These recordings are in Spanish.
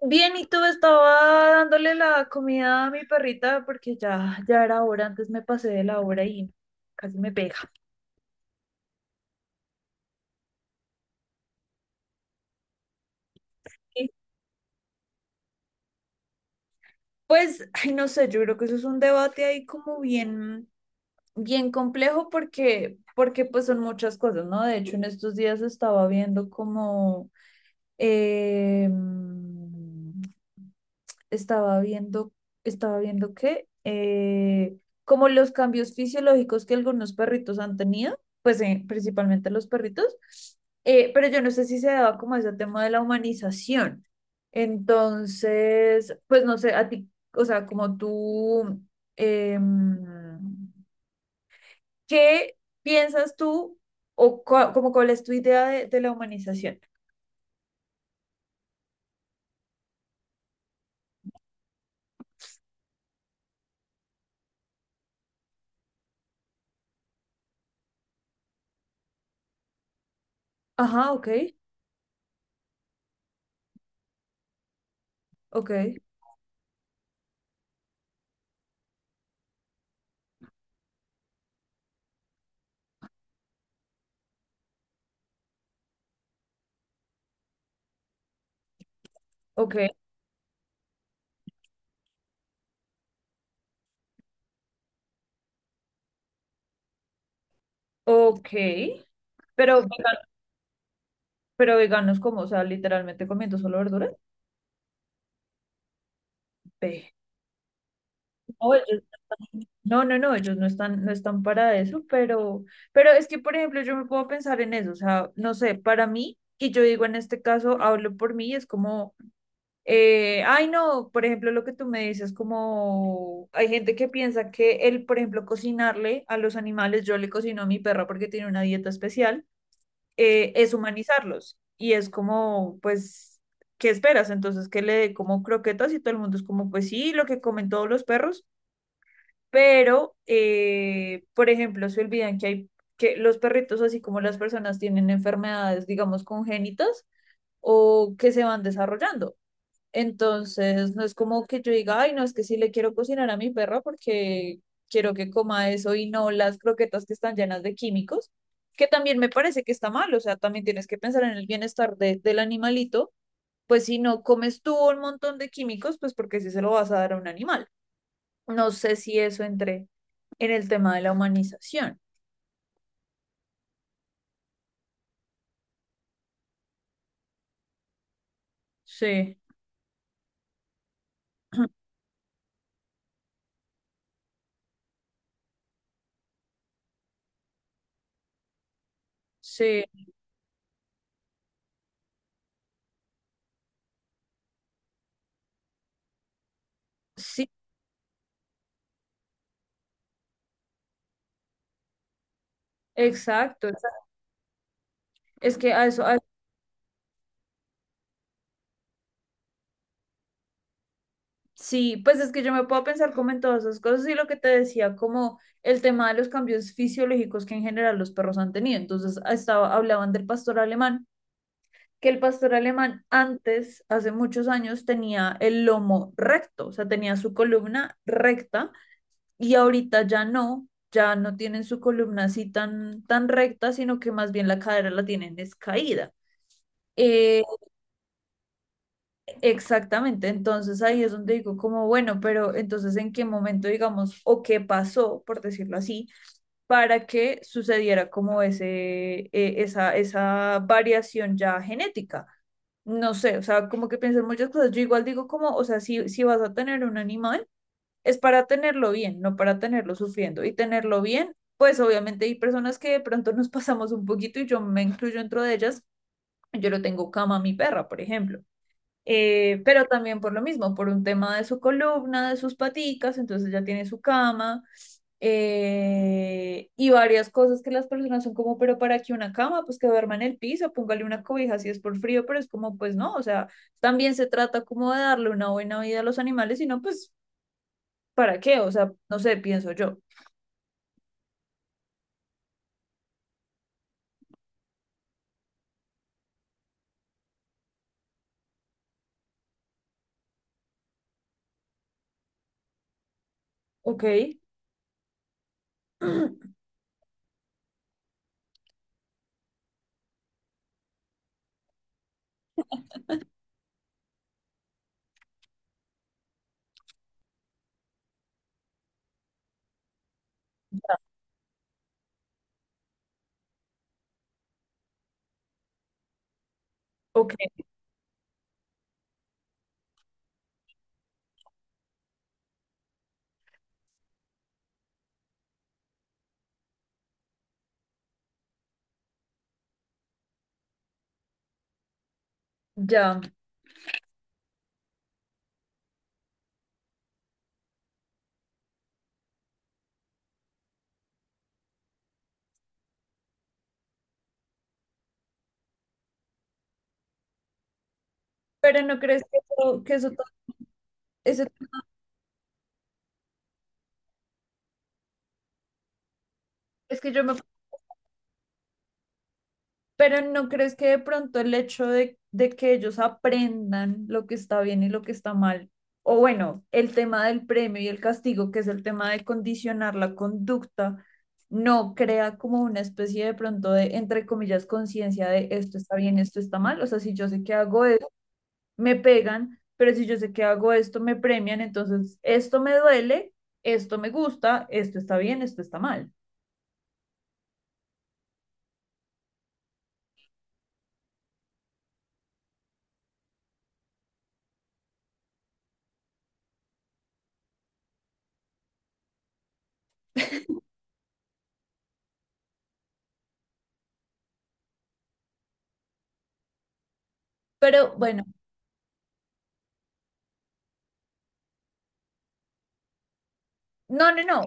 Bien, y tú estaba dándole la comida a mi perrita porque ya, ya era hora, antes me pasé de la hora y casi me pega. Y, Pues, ay, no sé, yo creo que eso es un debate ahí como bien, bien complejo porque pues son muchas cosas, ¿no? De hecho, en estos días eh, estaba viendo, estaba viendo que como los cambios fisiológicos que algunos perritos han tenido, pues principalmente los perritos, pero yo no sé si se daba como ese tema de la humanización. Entonces, pues no sé, a ti, o sea, como tú, em, ¿qué piensas tú o como cuál es tu idea de la humanización? Ajá, ok, ok, ok, ok, pero... Pero veganos como, o sea, literalmente comiendo solo verduras. Ve. No, no, no, no, ellos no están, para eso, pero es que, por ejemplo, yo me puedo pensar en eso, o sea, no sé, para mí, y yo digo en este caso, hablo por mí, es como, ay, no, por ejemplo, lo que tú me dices, como, hay gente que piensa que el, por ejemplo, cocinarle a los animales, yo le cocino a mi perra porque tiene una dieta especial. Es humanizarlos. Y es como, pues, ¿qué esperas? Entonces, que le dé como croquetas y todo el mundo es como, pues sí, lo que comen todos los perros, pero, por ejemplo, se olvidan que hay, que los perritos, así como las personas, tienen enfermedades, digamos, congénitas o que se van desarrollando. Entonces, no es como que yo diga, ay, no, es que sí le quiero cocinar a mi perro porque quiero que coma eso y no las croquetas que están llenas de químicos, que también me parece que está mal, o sea, también tienes que pensar en el bienestar del animalito, pues si no comes tú un montón de químicos, pues porque si se lo vas a dar a un animal. No sé si eso entre en el tema de la humanización. Sí, sí, sí, exacto. Exacto. Es que a eso, sí, pues es que yo me puedo pensar como en todas esas cosas y lo que te decía, como el tema de los cambios fisiológicos que en general los perros han tenido. Entonces, hablaban del pastor alemán, que el pastor alemán antes, hace muchos años, tenía el lomo recto, o sea, tenía su columna recta y ahorita ya no, ya no tienen su columna así tan, tan recta, sino que más bien la cadera la tienen descaída. Exactamente, entonces ahí es donde digo como, bueno, pero entonces en qué momento, digamos, o qué pasó, por decirlo así, para que sucediera como esa variación ya genética. No sé, o sea, como que piensan muchas cosas. Yo igual digo como, o sea, si, si vas a tener un animal, es para tenerlo bien, no para tenerlo sufriendo. Y tenerlo bien, pues obviamente hay personas que de pronto nos pasamos un poquito y yo me incluyo dentro de ellas. Yo lo tengo cama a mi perra, por ejemplo, pero también por lo mismo, por un tema de su columna, de sus paticas, entonces ya tiene su cama, y varias cosas que las personas son como, pero para qué una cama, pues que duerma en el piso, póngale una cobija si es por frío, pero es como, pues no, o sea, también se trata como de darle una buena vida a los animales, sino pues, ¿para qué? O sea, no sé, pienso yo. Ok, ok, ya. Pero no crees que eso, ese- es que yo me Pero ¿no crees que de pronto el hecho de que ellos aprendan lo que está bien y lo que está mal, o bueno, el tema del premio y el castigo, que es el tema de condicionar la conducta, no crea como una especie de pronto de, entre comillas, conciencia de esto está bien, esto está mal? O sea, si yo sé que hago esto, me pegan, pero si yo sé que hago esto, me premian, entonces esto me duele, esto me gusta, esto está bien, esto está mal. Pero bueno, no, no, no.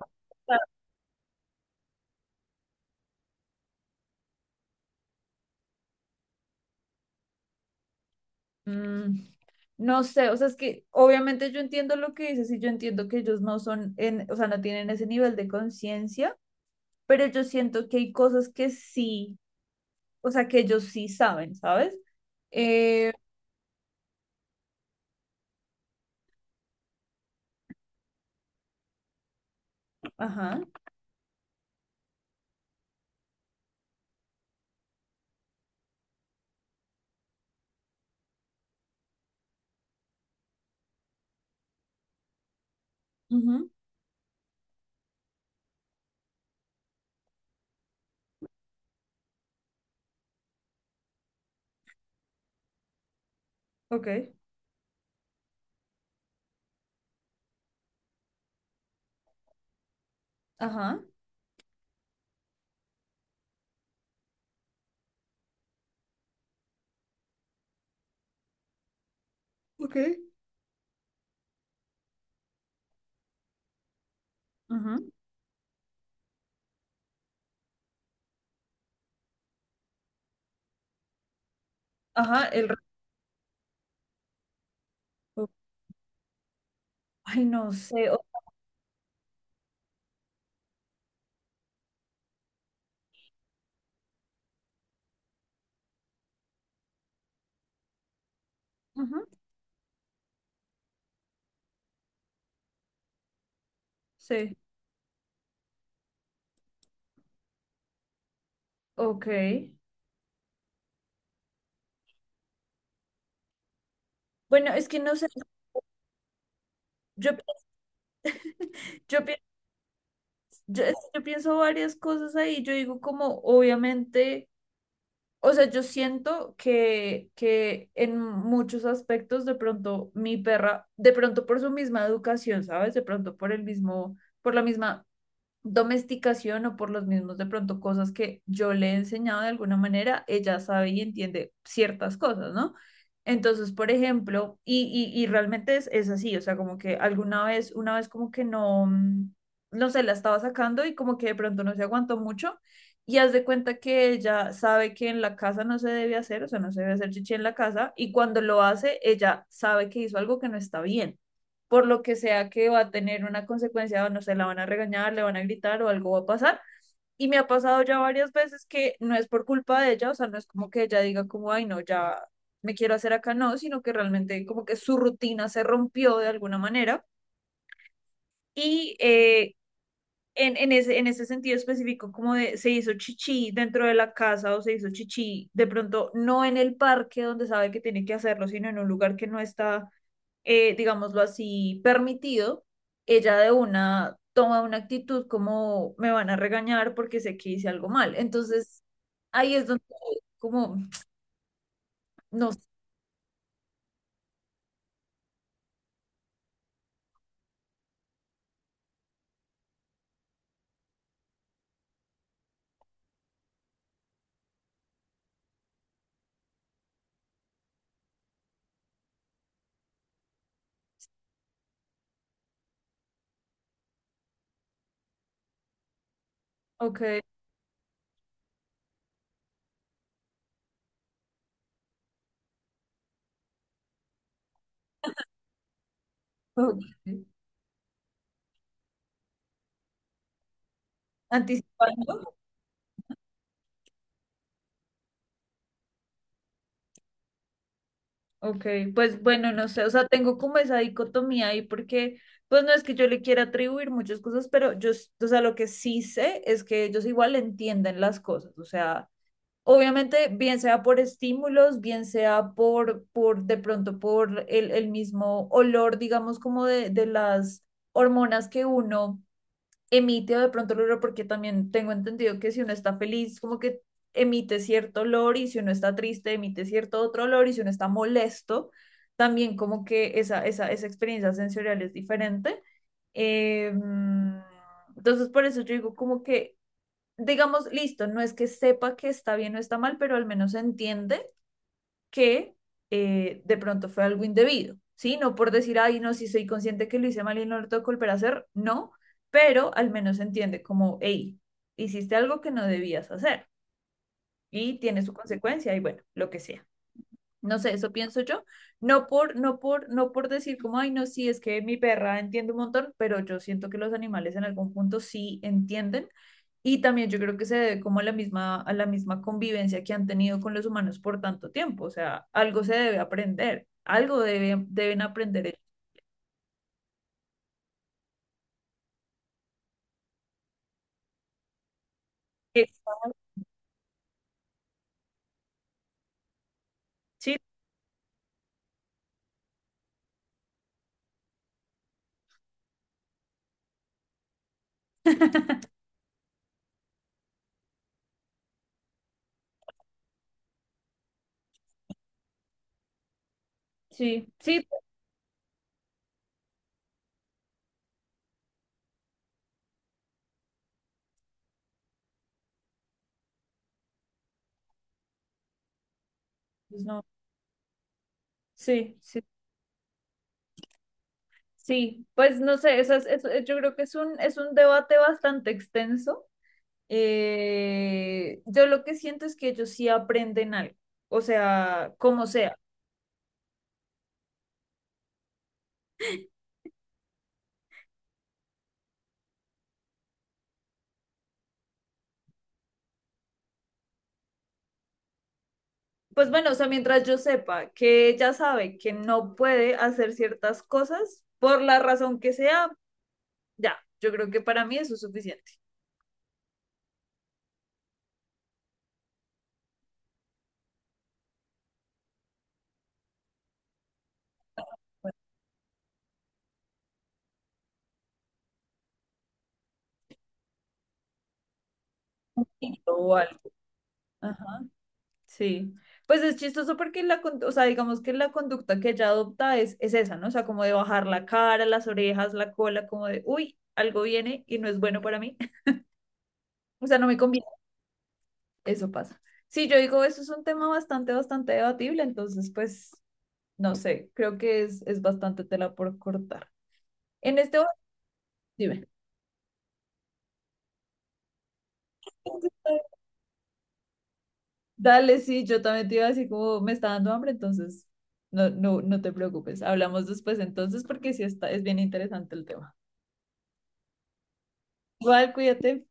Mm, No sé, o sea, es que obviamente yo entiendo lo que dices y yo entiendo que ellos no son, o sea, no tienen ese nivel de conciencia, pero yo siento que hay cosas que sí, o sea, que ellos sí saben, ¿sabes? Eh, ajá, ujú, ok, ajá, ok, ujú, ajá, oh, ay, no sé, ujú, sí, ok. Bueno, es que no sé, yo, yo, pienso, yo pienso varias cosas ahí, yo digo como, obviamente... O sea, yo siento que, en muchos aspectos de pronto mi perra, de pronto por su misma educación, ¿sabes? De pronto por el mismo, por la misma domesticación o por los mismos de pronto cosas que yo le he enseñado de alguna manera, ella sabe y entiende ciertas cosas, ¿no? Entonces, por ejemplo, y realmente es, así, o sea, como que alguna vez, una vez como que no, no sé, la estaba sacando y como que de pronto no se aguantó mucho y haz de cuenta que ella sabe que en la casa no se debe hacer, o sea, no se debe hacer chichi en la casa y cuando lo hace, ella sabe que hizo algo que no está bien por lo que sea que va a tener una consecuencia, o no sé, la van a regañar, le van a gritar o algo va a pasar. Y me ha pasado ya varias veces que no es por culpa de ella, o sea, no es como que ella diga como, ay, no, ya me quiero hacer acá, no, sino que realmente como que su rutina se rompió de alguna manera. Y en ese sentido específico, como de se hizo chichi dentro de la casa o se hizo chichi de pronto no en el parque donde sabe que tiene que hacerlo, sino en un lugar que no está digámoslo así, permitido, ella de una toma una actitud como me van a regañar porque sé que hice algo mal. Entonces, ahí es donde como, no sé, ok, ok, anticipando, ok, pues bueno, no sé, o sea, tengo como esa dicotomía ahí porque, pues no es que yo le quiera atribuir muchas cosas, pero yo, s- o sea, lo que sí sé es que ellos igual entienden las cosas, o sea. Obviamente, bien sea por estímulos, bien sea por de pronto por el mismo olor, digamos, como de las hormonas que uno emite o de pronto el olor, porque también tengo entendido que si uno está feliz, como que emite cierto olor y si uno está triste, emite cierto otro olor y si uno está molesto, también como que esa experiencia sensorial es diferente. Em, entonces, por eso yo digo como que digamos, listo, no es que sepa que está bien o está mal, pero al menos entiende que de pronto fue algo indebido, ¿sí? No por decir, ay, no, si soy consciente que lo hice mal y no lo tengo que volver a hacer, no, pero al menos entiende como, hey, hiciste algo que no debías hacer y tiene su consecuencia y bueno, lo que sea. No sé, eso pienso yo. No por, no por, no por decir como, ay, no, sí, es que mi perra entiende un montón, pero yo siento que los animales en algún punto sí entienden y también yo creo que se debe como a la misma convivencia que han tenido con los humanos por tanto tiempo. O sea, algo se debe aprender, algo deben aprender ellos. Exacto. Sí, sí, sí, pues, no, sí, sí, sí. Pues no sé, esas- eso- yo creo que es un debate bastante extenso. Yo lo que siento es que ellos sí aprenden algo, o sea, como sea. Pues bueno, o sea, mientras yo sepa que ella sabe que no puede hacer ciertas cosas por la razón que sea, ya, yo creo que para mí eso es suficiente. Un poquito o algo. Ajá, sí. Pues es chistoso porque la, con- o sea, digamos que la conducta que ella adopta es esa, ¿no? O sea, como de bajar la cara, las orejas, la cola, como de, uy, algo viene y no es bueno para mí. O sea, no me conviene. Eso pasa. Sí, yo digo, eso es un tema bastante, bastante debatible, entonces, pues no sé, creo que es bastante tela por cortar. En este momento, dime. Dale, sí, yo también te iba así como me está dando hambre, entonces no, no, no te preocupes. Hablamos después entonces porque sí está, es bien interesante el tema. Igual, cuídate.